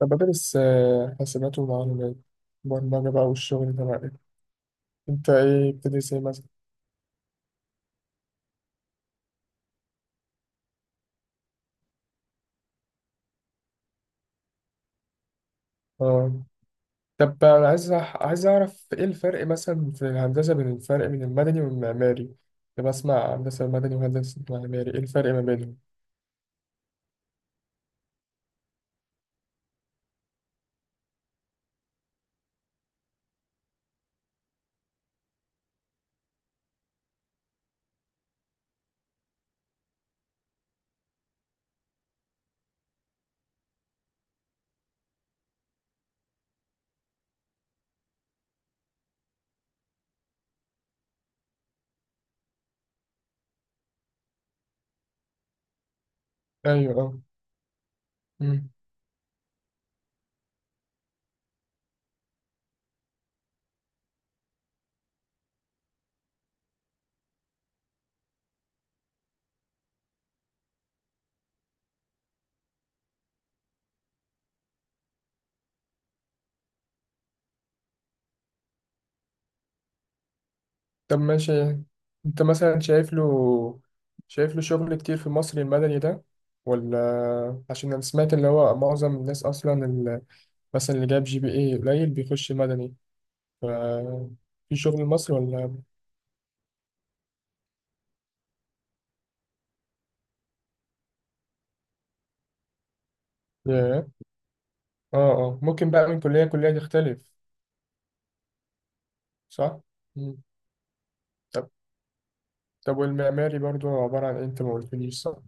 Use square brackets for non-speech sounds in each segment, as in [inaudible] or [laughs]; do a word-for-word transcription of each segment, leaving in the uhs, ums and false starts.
طب بدرس آه، حاسبات ومعلومات، برمجة بقى والشغل ده بقى. انت ايه بتدرس ايه مثلا؟ اه، طب انا عايز أح- عايز اعرف ايه الفرق مثلا في الهندسة، بين الفرق بين المدني والمعماري. كنت بسمع هندسة مدني وهندسة معماري، ايه الفرق ما بينهم؟ ايوه، اه. مم. طب ماشي، انت مثلا شايف له شايف له شغل كتير في مصر المدني ده، ولا عشان انا سمعت اللي هو معظم الناس اصلا ال- مثلا اللي جاب جي بي اي قليل بيخش مدني؟ ف- في شغل مصري ولا؟ ياه. اه اه، ممكن بقى من كلية كلية تختلف. صح؟ مم. طب طب والمعماري برضو عبارة عن ايه، انت ما قلتليش؟ صح؟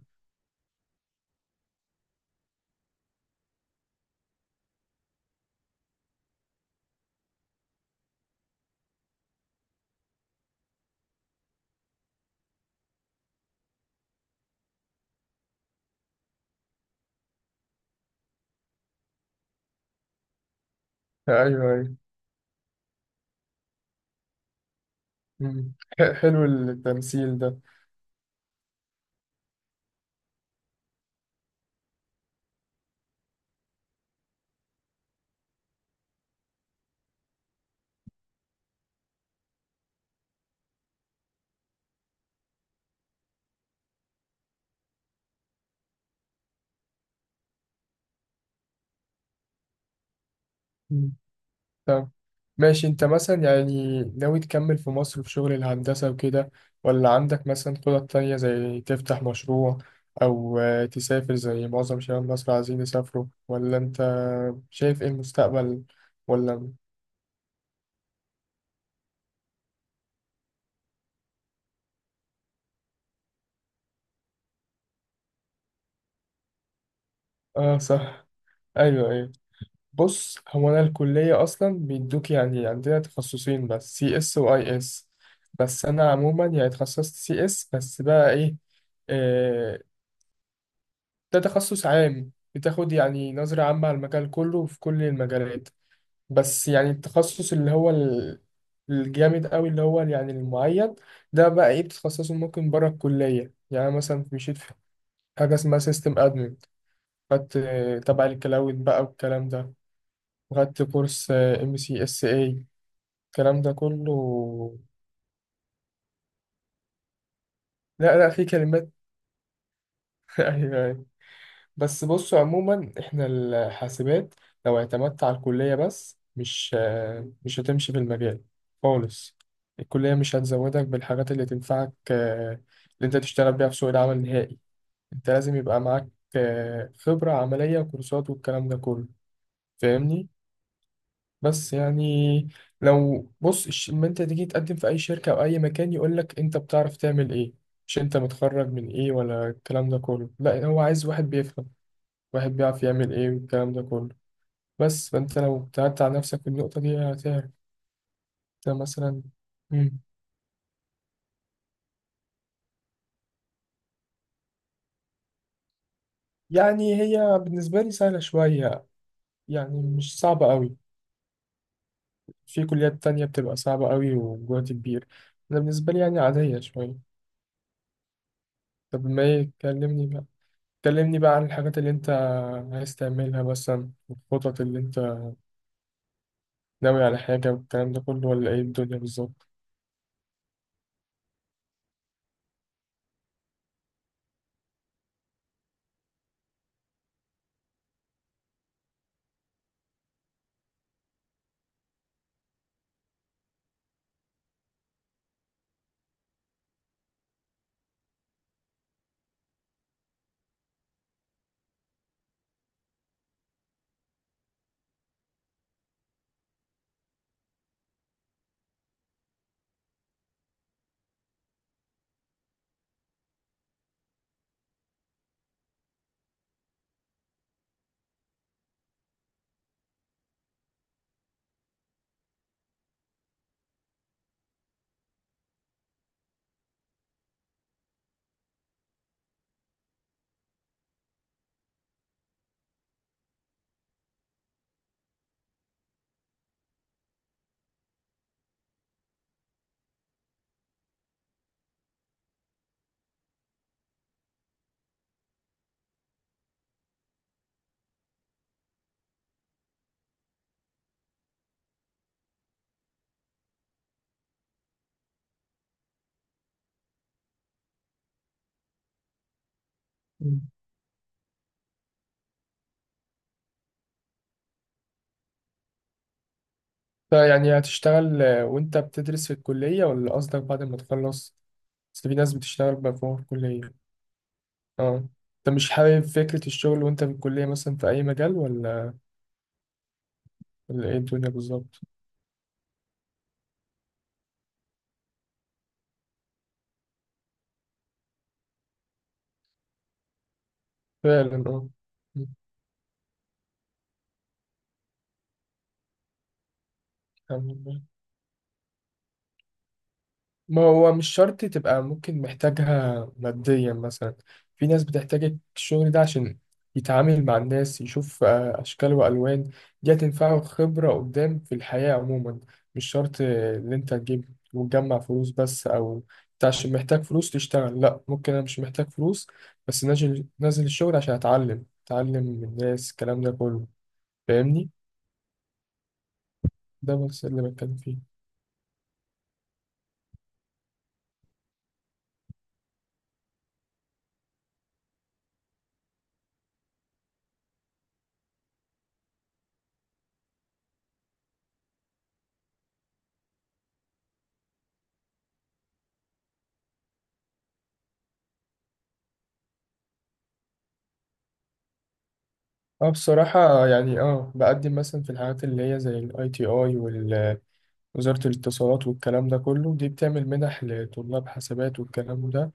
ايوه ايوه. مم. ح- حلو التمثيل ده. مم. طب ماشي، انت مثلا يعني ناوي تكمل في مصر في شغل الهندسة وكده، ولا عندك مثلا خطط تانية زي تفتح مشروع أو آه، تسافر زي معظم شباب مصر عايزين يسافروا، ولا انت شايف ايه المستقبل ولا؟ اه، صح. ايوه ايوه. بص، هو انا الكليه اصلا بيدوك، يعني عندنا تخصصين بس، سي اس واي اس. بس انا عموما يعني اتخصصت سي اس. بس بقى ايه، آه، ده تخصص عام، بتاخد يعني نظره عامه على المجال كله، في كل المجالات. بس يعني التخصص اللي هو ال- الجامد قوي، اللي هو يعني المعين، ده بقى ايه، بتتخصصه ممكن بره الكليه. يعني أنا مثلا مشيت في حاجه اسمها سيستم ادمن، خدت آه، تبع الكلاود بقى والكلام ده، خدت كورس ام سي اس اي، الكلام ده كله. لا لا، في كلمات. [laughs] ايوه أيوة. بس بصوا، عموما احنا الحاسبات، لو اعتمدت على الكلية بس، مش آه، مش هتمشي في المجال خالص. الكلية مش هتزودك بالحاجات اللي تنفعك، آه، اللي انت تشتغل بيها في سوق العمل النهائي. انت لازم يبقى معاك آه، خبرة عملية وكورسات والكلام ده كله. فاهمني؟ بس يعني، لو بص الش- لما انت تيجي تقدم في اي شركة او اي مكان، يقول لك انت بتعرف تعمل ايه، مش انت متخرج من ايه ولا الكلام ده كله. لا، هو عايز واحد بيفهم، واحد بيعرف يعمل ايه والكلام ده كله. بس فانت لو ابتعدت عن نفسك في النقطة دي هتعرف. ده مثلا. مم. يعني هي بالنسبة لي سهلة شوية، يعني مش صعبة قوي. في كليات تانية بتبقى صعبة قوي وجهد كبير، انا بالنسبة لي يعني عادية شوية. طب ما يكلمني، كلمني بقى عن الحاجات اللي انت عايز تعملها مثلا، الخطط اللي انت ناوي على حاجة والكلام ده كله، ولا ايه الدنيا بالظبط؟ مم. طيب يعني هتشتغل آه، وانت بتدرس في الكلية، ولا قصدك بعد ما تخلص؟ بس في ناس بتشتغل بقى فوق الكلية. اه، انت مش حابب فكرة الشغل وانت في الكلية مثلا في اي مجال، ولا؟ ولا ايه الدنيا بالظبط؟ فعلا اه. مم. ما هو مش شرط تبقى ممكن محتاجها ماديا مثلا، في ناس بتحتاج الشغل ده عشان يتعامل مع الناس، يشوف آه، أشكال وألوان، دي هتنفعه خبرة قدام في الحياة عموما. مش شرط آه، إن أنت تجيب وتجمع فلوس بس، أو أنت عشان محتاج فلوس تشتغل. لأ، ممكن أنا مش محتاج فلوس بس نازل نازل الشغل عشان أتعلم، أتعلم من الناس الكلام ده كله. فاهمني؟ ده بس اللي بتكلم فيه. اه بصراحة، يعني اه بقدم مثلا في الحاجات اللي هي زي الاي تي اي ووزارة الاتصالات والكلام ده كله، دي بتعمل منح لطلاب حسابات والكلام ده.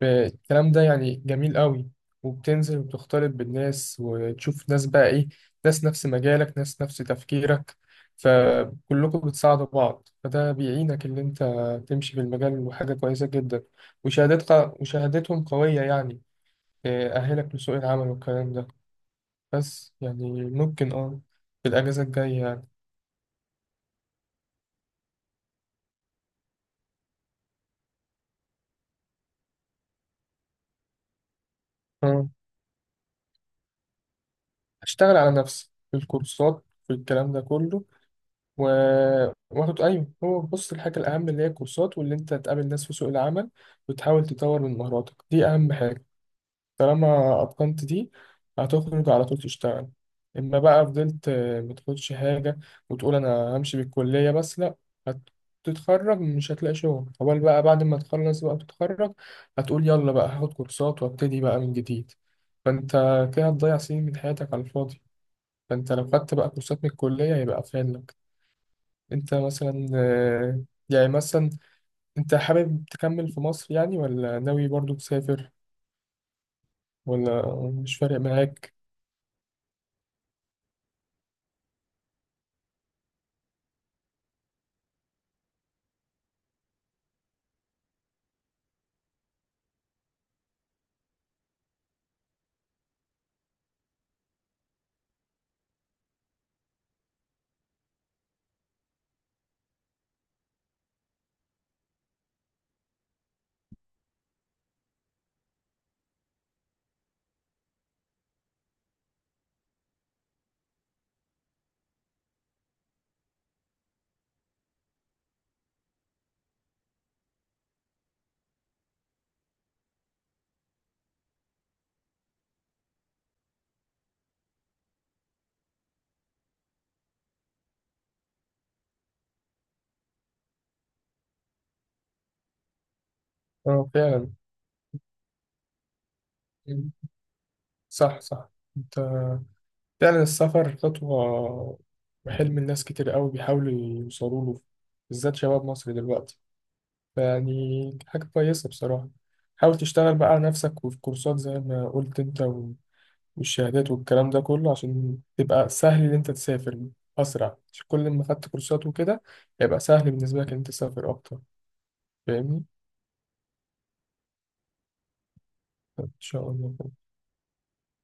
ف- الكلام ده يعني جميل قوي، وبتنزل وبتختلط بالناس، وتشوف ناس بقى ايه، ناس نفس مجالك ناس نفس تفكيرك، فكلكم بتساعدوا بعض، فده بيعينك اللي انت تمشي في المجال، وحاجة كويسة جدا. وشهادتك وشهادتهم قوية، يعني تأهلك لسوق العمل والكلام ده. بس يعني ممكن اه في الأجازة الجاية يعني. اه، أشتغل على نفسي في الكورسات، في الكلام ده كله و... وآخد، أيوه، هو بص الحاجة الأهم اللي هي الكورسات، واللي أنت تقابل ناس في سوق العمل وتحاول تطور من مهاراتك، دي أهم حاجة. طالما أتقنت دي هتخرج على طول تشتغل. إما بقى فضلت آه، متاخدش حاجة وتقول أنا همشي بالكلية بس، لأ، هتتخرج مش هتلاقي شغل أول. بقى بعد ما تخلص بقى تتخرج هتقول يلا بقى هاخد كورسات وابتدي بقى من جديد. فأنت كده هتضيع سنين من حياتك على الفاضي. فأنت لو خدت بقى كورسات من الكلية هيبقى أفيد لك. أنت مثلا آه، يعني مثلا أنت حابب تكمل في مصر يعني، ولا ناوي برضو تسافر، ولا مش فارق معاك؟ اه فعلا، صح صح. انت فعلا السفر خطوة، وحلم الناس كتير قوي بيحاولوا يوصلوا له، بالذات شباب مصر دلوقتي، يعني حاجة كويسة بصراحة. حاول تشتغل بقى على نفسك وفي كورسات، زي ما قلت انت، و- والشهادات والكلام ده كله عشان تبقى سهل ان انت تسافر أسرع. عشان كل ما خدت كورسات وكده هيبقى سهل بالنسبة لك ان انت تسافر أكتر. فاهمني؟ إن شاء الله.